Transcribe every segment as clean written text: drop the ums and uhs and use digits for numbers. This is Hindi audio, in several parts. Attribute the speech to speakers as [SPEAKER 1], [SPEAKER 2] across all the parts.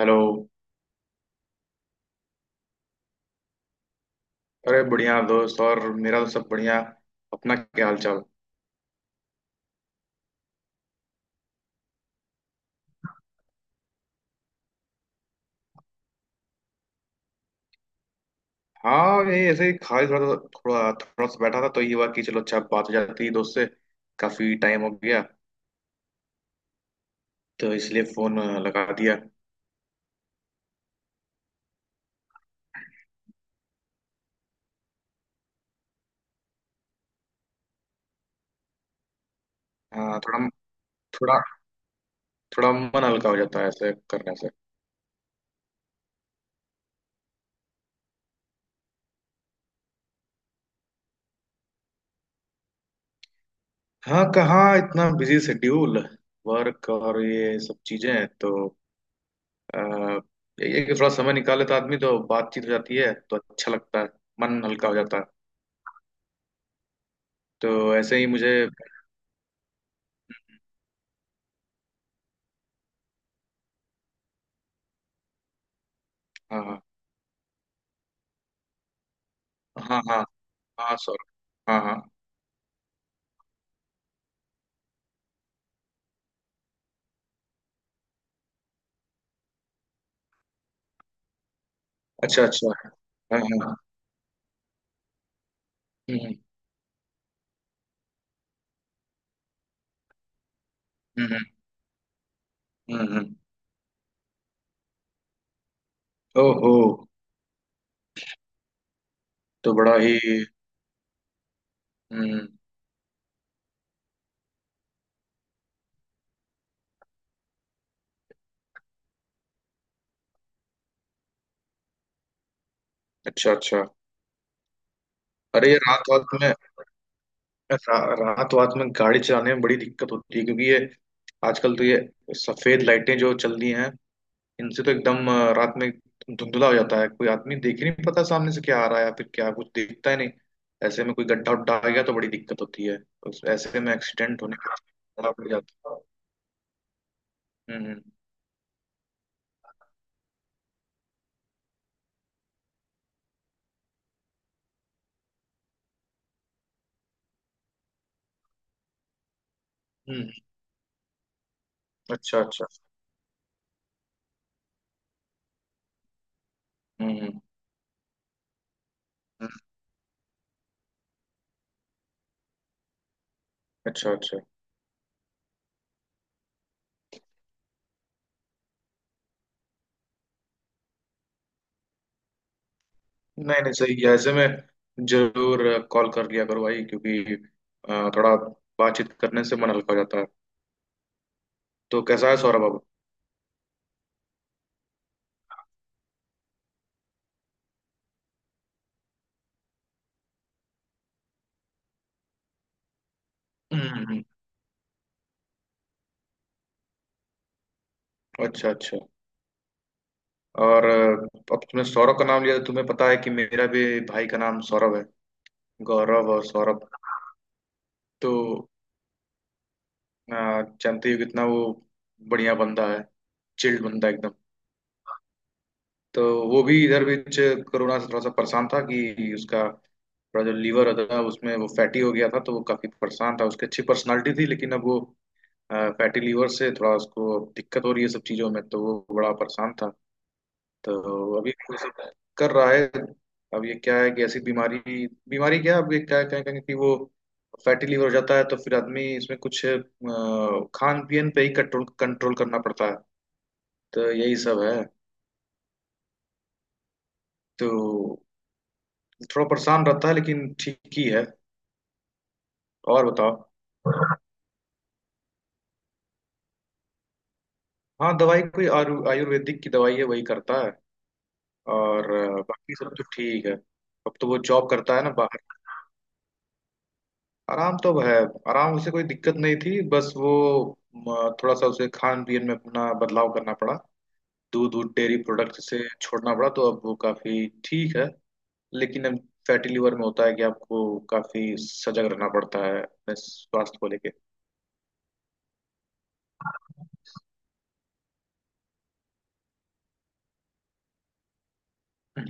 [SPEAKER 1] हेलो। अरे बढ़िया दोस्त। और मेरा तो सब बढ़िया। अपना क्या हाल चाल? हाँ ये ऐसे ही खाली थोड़ा थोड़ा थोड़ा सा बैठा था तो ये हुआ कि चलो अच्छा बात हो जाती है दोस्त से। काफी टाइम हो गया तो इसलिए फोन लगा दिया। हाँ थोड़ा थोड़ा थोड़ा मन हल्का हो जाता है ऐसे करने से। हाँ कहाँ इतना बिजी शेड्यूल, वर्क और ये सब चीजें हैं, तो आ, यही है कि थोड़ा समय निकाल लेता आदमी तो बातचीत हो जाती है तो अच्छा लगता है। मन हल्का हो जाता है। तो ऐसे ही मुझे। हाँ हाँ। हाँ हाँ सॉरी। हाँ हाँ। अच्छा अच्छा। हाँ हाँ। हम्म हम्म। हम्म। ओहो। तो बड़ा ही। हम्म। अच्छा अच्छा। अरे ये रात वात में रात वात में गाड़ी चलाने में बड़ी दिक्कत होती है क्योंकि ये आजकल तो ये सफेद लाइटें जो चल रही हैं, इनसे तो एकदम रात में धुंधला हो जाता है, कोई आदमी देख ही नहीं पता, सामने से क्या आ रहा है या फिर क्या कुछ दिखता ही नहीं। ऐसे में कोई गड्ढा उड्ढा आ गया तो बड़ी दिक्कत होती है। ऐसे में एक्सीडेंट होने का खतरा बढ़ जाता है। हम्म। हम्म। अच्छा अच्छा। हम्म हम्म, अच्छा अच्छा। नहीं नहीं, सही है, ऐसे में जरूर कॉल कर लिया करो भाई क्योंकि थोड़ा बातचीत करने से मन हल्का हो जाता है। तो कैसा है सौरभ अब? हम्म हम्म, अच्छा अच्छा। और अब तुमने सौरभ का नाम लिया तो तुम्हें पता है कि मेरा भी भाई का नाम सौरभ है। गौरव और सौरभ। तो अ, जानते ही हो कितना वो बढ़िया बंदा है। चिल्ड बंदा एकदम। तो वो भी इधर बीच कोरोना से थोड़ा सा परेशान था कि उसका थोड़ा जो लीवर होता था उसमें वो फैटी हो गया था, तो वो काफी परेशान था। उसकी अच्छी पर्सनालिटी थी लेकिन अब वो फैटी लीवर से थोड़ा उसको दिक्कत हो रही है सब चीजों में, तो वो बड़ा परेशान था। तो अभी वो सब कर रहा है। अब ये क्या है कि ऐसी बीमारी, बीमारी क्या है, अब ये क्या क्या कहेंगे कि वो फैटी लीवर हो जाता है तो फिर आदमी इसमें कुछ खान पीन पे ही कंट्रोल कंट्रोल करना पड़ता है। तो यही सब है। तो थोड़ा परेशान रहता है लेकिन ठीक ही है। और बताओ। हाँ दवाई, कोई आयुर्वेदिक की दवाई है, वही करता है। और बाकी सब तो ठीक है। अब तो वो जॉब करता है ना बाहर। आराम तो अब है। आराम, उसे कोई दिक्कत नहीं थी, बस वो थोड़ा सा उसे खान पीन में अपना बदलाव करना पड़ा। दूध दूध, डेयरी प्रोडक्ट से छोड़ना पड़ा तो अब वो काफी ठीक है। लेकिन अब फैटी लिवर में होता है कि आपको काफी सजग रहना पड़ता है अपने स्वास्थ्य को लेके।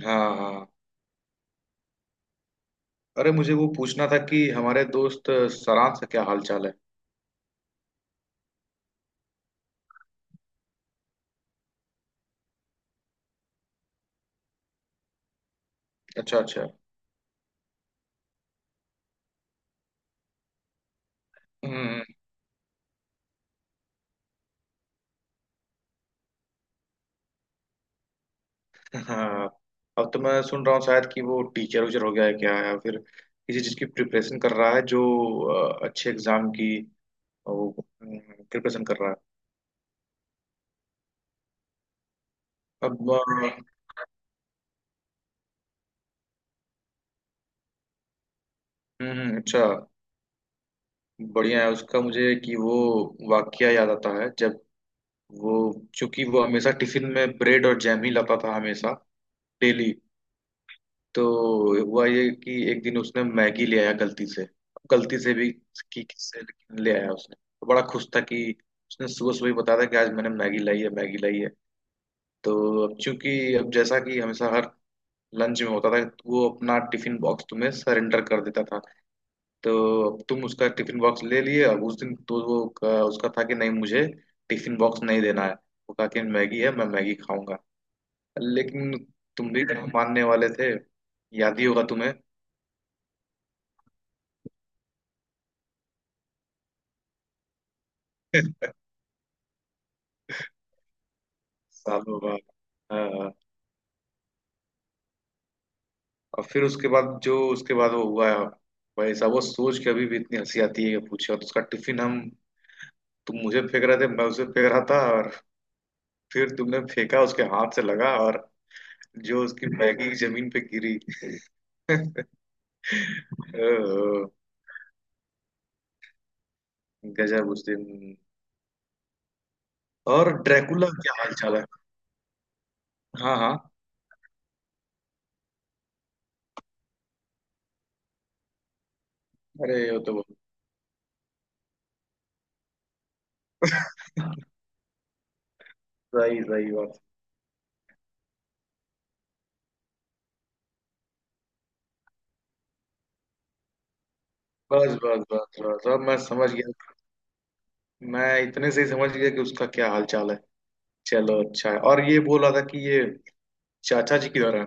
[SPEAKER 1] हाँ हाँ। अरे मुझे वो पूछना था कि हमारे दोस्त सरांश का क्या हाल चाल है? अच्छा अच्छा। हम्म हम्म। हाँ। अब तो मैं सुन रहा हूँ शायद कि वो टीचर उचर हो गया है क्या, या फिर किसी चीज़ की प्रिपरेशन कर रहा है, जो अच्छे एग्जाम की वो प्रिपरेशन कर रहा है। अब अच्छा। बढ़िया है। उसका मुझे कि वो वाकया याद आता है, जब वो, चूंकि वो हमेशा टिफिन में ब्रेड और जैम ही लाता था, हमेशा, डेली। तो हुआ ये कि एक दिन उसने मैगी ले आया गलती से। गलती से भी की किससे, लेकिन ले आया उसने। तो बड़ा खुश था कि उसने सुबह सुबह ही बताया था कि आज मैंने मैगी लाई है, मैगी लाई है। तो अब चूंकि, अब जैसा कि हमेशा हर लंच में होता था, वो अपना टिफिन बॉक्स तुम्हें सरेंडर कर देता था। तो अब तुम उसका टिफिन बॉक्स ले लिए। अब उस दिन तो वो उसका था कि नहीं, मुझे टिफिन बॉक्स नहीं देना है। वो कहा कि मैगी है, मैं मैगी खाऊंगा। लेकिन तुम भी मानने वाले थे। याद ही होगा तुम्हें। सालों बाद। हाँ, और फिर उसके बाद जो, उसके बाद वो हुआ है। भाई साहब वो सोच के अभी भी इतनी हंसी आती है, कि पूछे तो उसका टिफिन हम, तुम मुझे फेंक रहे थे, मैं उसे फेंक रहा था, और फिर तुमने फेंका, उसके हाथ से लगा, और जो उसकी मैगी जमीन पे गिरी। ओह, गजब उस दिन। और ड्रैकुला क्या हाल चाल है? हाँ हाँ। अरे वो तो, सही सही बात। बस बस बस बस, अब मैं समझ गया। मैं इतने से ही समझ गया कि उसका क्या हाल चाल है। चलो अच्छा है। और ये बोल रहा था कि, ये चाचा जी किधर है?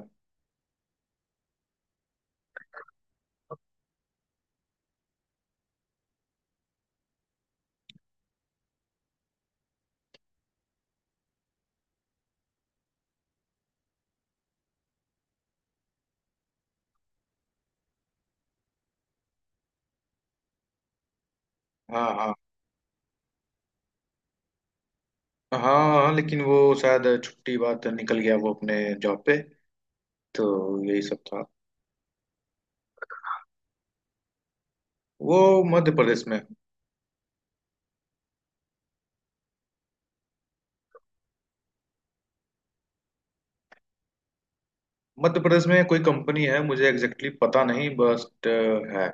[SPEAKER 1] हाँ हाँ। हाँ हाँ लेकिन वो शायद छुट्टी बाद निकल गया वो, अपने जॉब पे। तो यही सब था। वो मध्य प्रदेश में। मध्य प्रदेश में कोई कंपनी है, मुझे एग्जैक्टली exactly पता नहीं, बस है।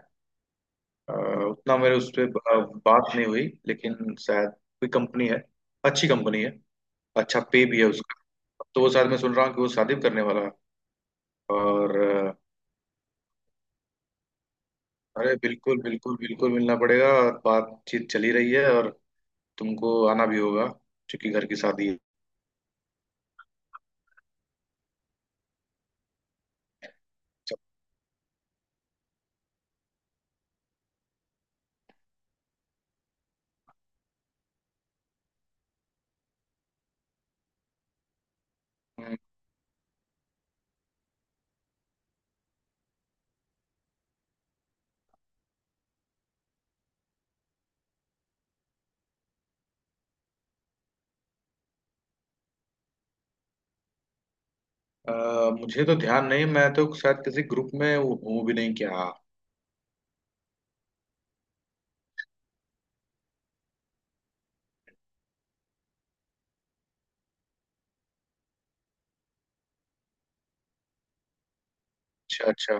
[SPEAKER 1] अ, उतना मेरे उस पे बात नहीं हुई लेकिन शायद कोई कंपनी है। अच्छी कंपनी है। अच्छा पे भी है उसका। तो वो शायद मैं सुन रहा हूँ कि वो शादी भी करने वाला है। और अरे बिल्कुल बिल्कुल बिल्कुल मिलना पड़ेगा, और बातचीत चली रही है। और तुमको आना भी होगा क्योंकि घर की शादी है। हम्म, अ, मुझे तो ध्यान नहीं, मैं तो शायद किसी ग्रुप में हूँ भी नहीं क्या। अच्छा अच्छा।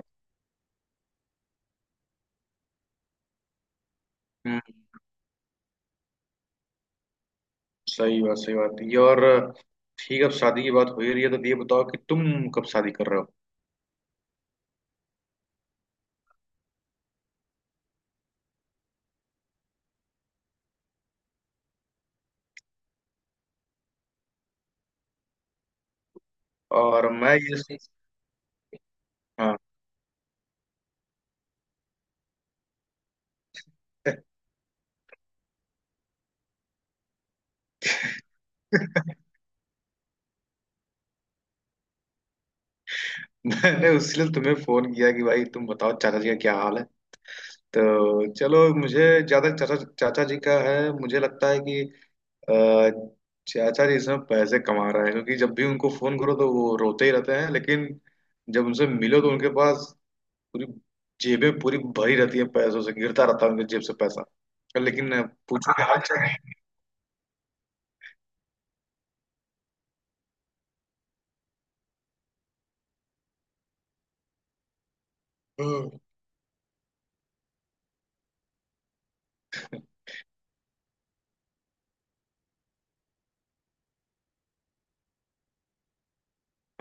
[SPEAKER 1] हम्म। सही बात, सही बात ये, और ठीक है। अब शादी की बात हो ही रही है तो ये बताओ कि तुम कब शादी कर रहे हो? और मैं ये सोच-। हाँ। मैंने उसलिए तुम्हें फोन किया कि भाई तुम बताओ चाचा जी का क्या हाल है। तो चलो, मुझे ज्यादा, चाचा चाचा जी का है, मुझे लगता है कि अ, चाचा जी इसमें पैसे कमा रहे हैं, क्योंकि जब भी उनको फोन करो तो वो रोते ही रहते हैं, लेकिन जब उनसे मिलो तो उनके पास पूरी, जेबें पूरी भरी रहती है, पैसों से गिरता रहता है उनके जेब से पैसा। लेकिन पूछो, क्या हाल चाल है? हम्म।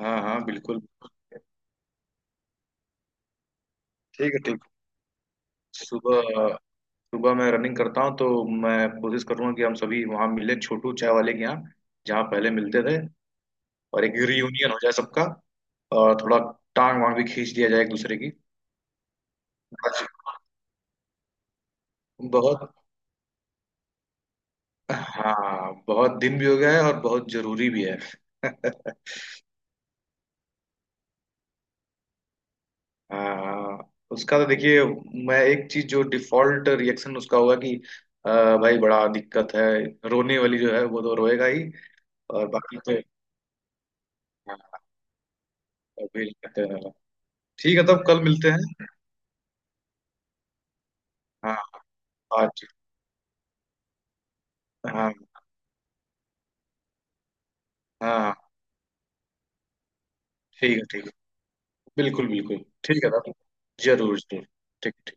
[SPEAKER 1] हाँ हाँ, बिल्कुल। ठीक है। ठीक। सुबह, सुबह मैं रनिंग करता हूँ, तो मैं कोशिश करूंगा कि हम सभी वहाँ मिलें, छोटू चाय वाले के यहाँ, जहाँ पहले मिलते थे। और एक रियूनियन हो जाए सबका, और थोड़ा टांग वांग भी खींच दिया जाए एक दूसरे की। बहुत। हाँ बहुत दिन भी हो गया है, और बहुत जरूरी भी है। हाँ, उसका तो देखिए, मैं एक चीज, जो डिफॉल्ट रिएक्शन उसका होगा कि अ, भाई बड़ा दिक्कत है। रोने वाली जो है, वो तो रोएगा ही। और बाकी तो, हाँ, और भी करते रहेगा। ठीक है, तब कल मिलते हैं। हाँ। आज। हाँ हाँ, ठीक है ठीक है, बिल्कुल बिल्कुल। ठीक है तब। जरूर जरूर। ठीक। ठीक।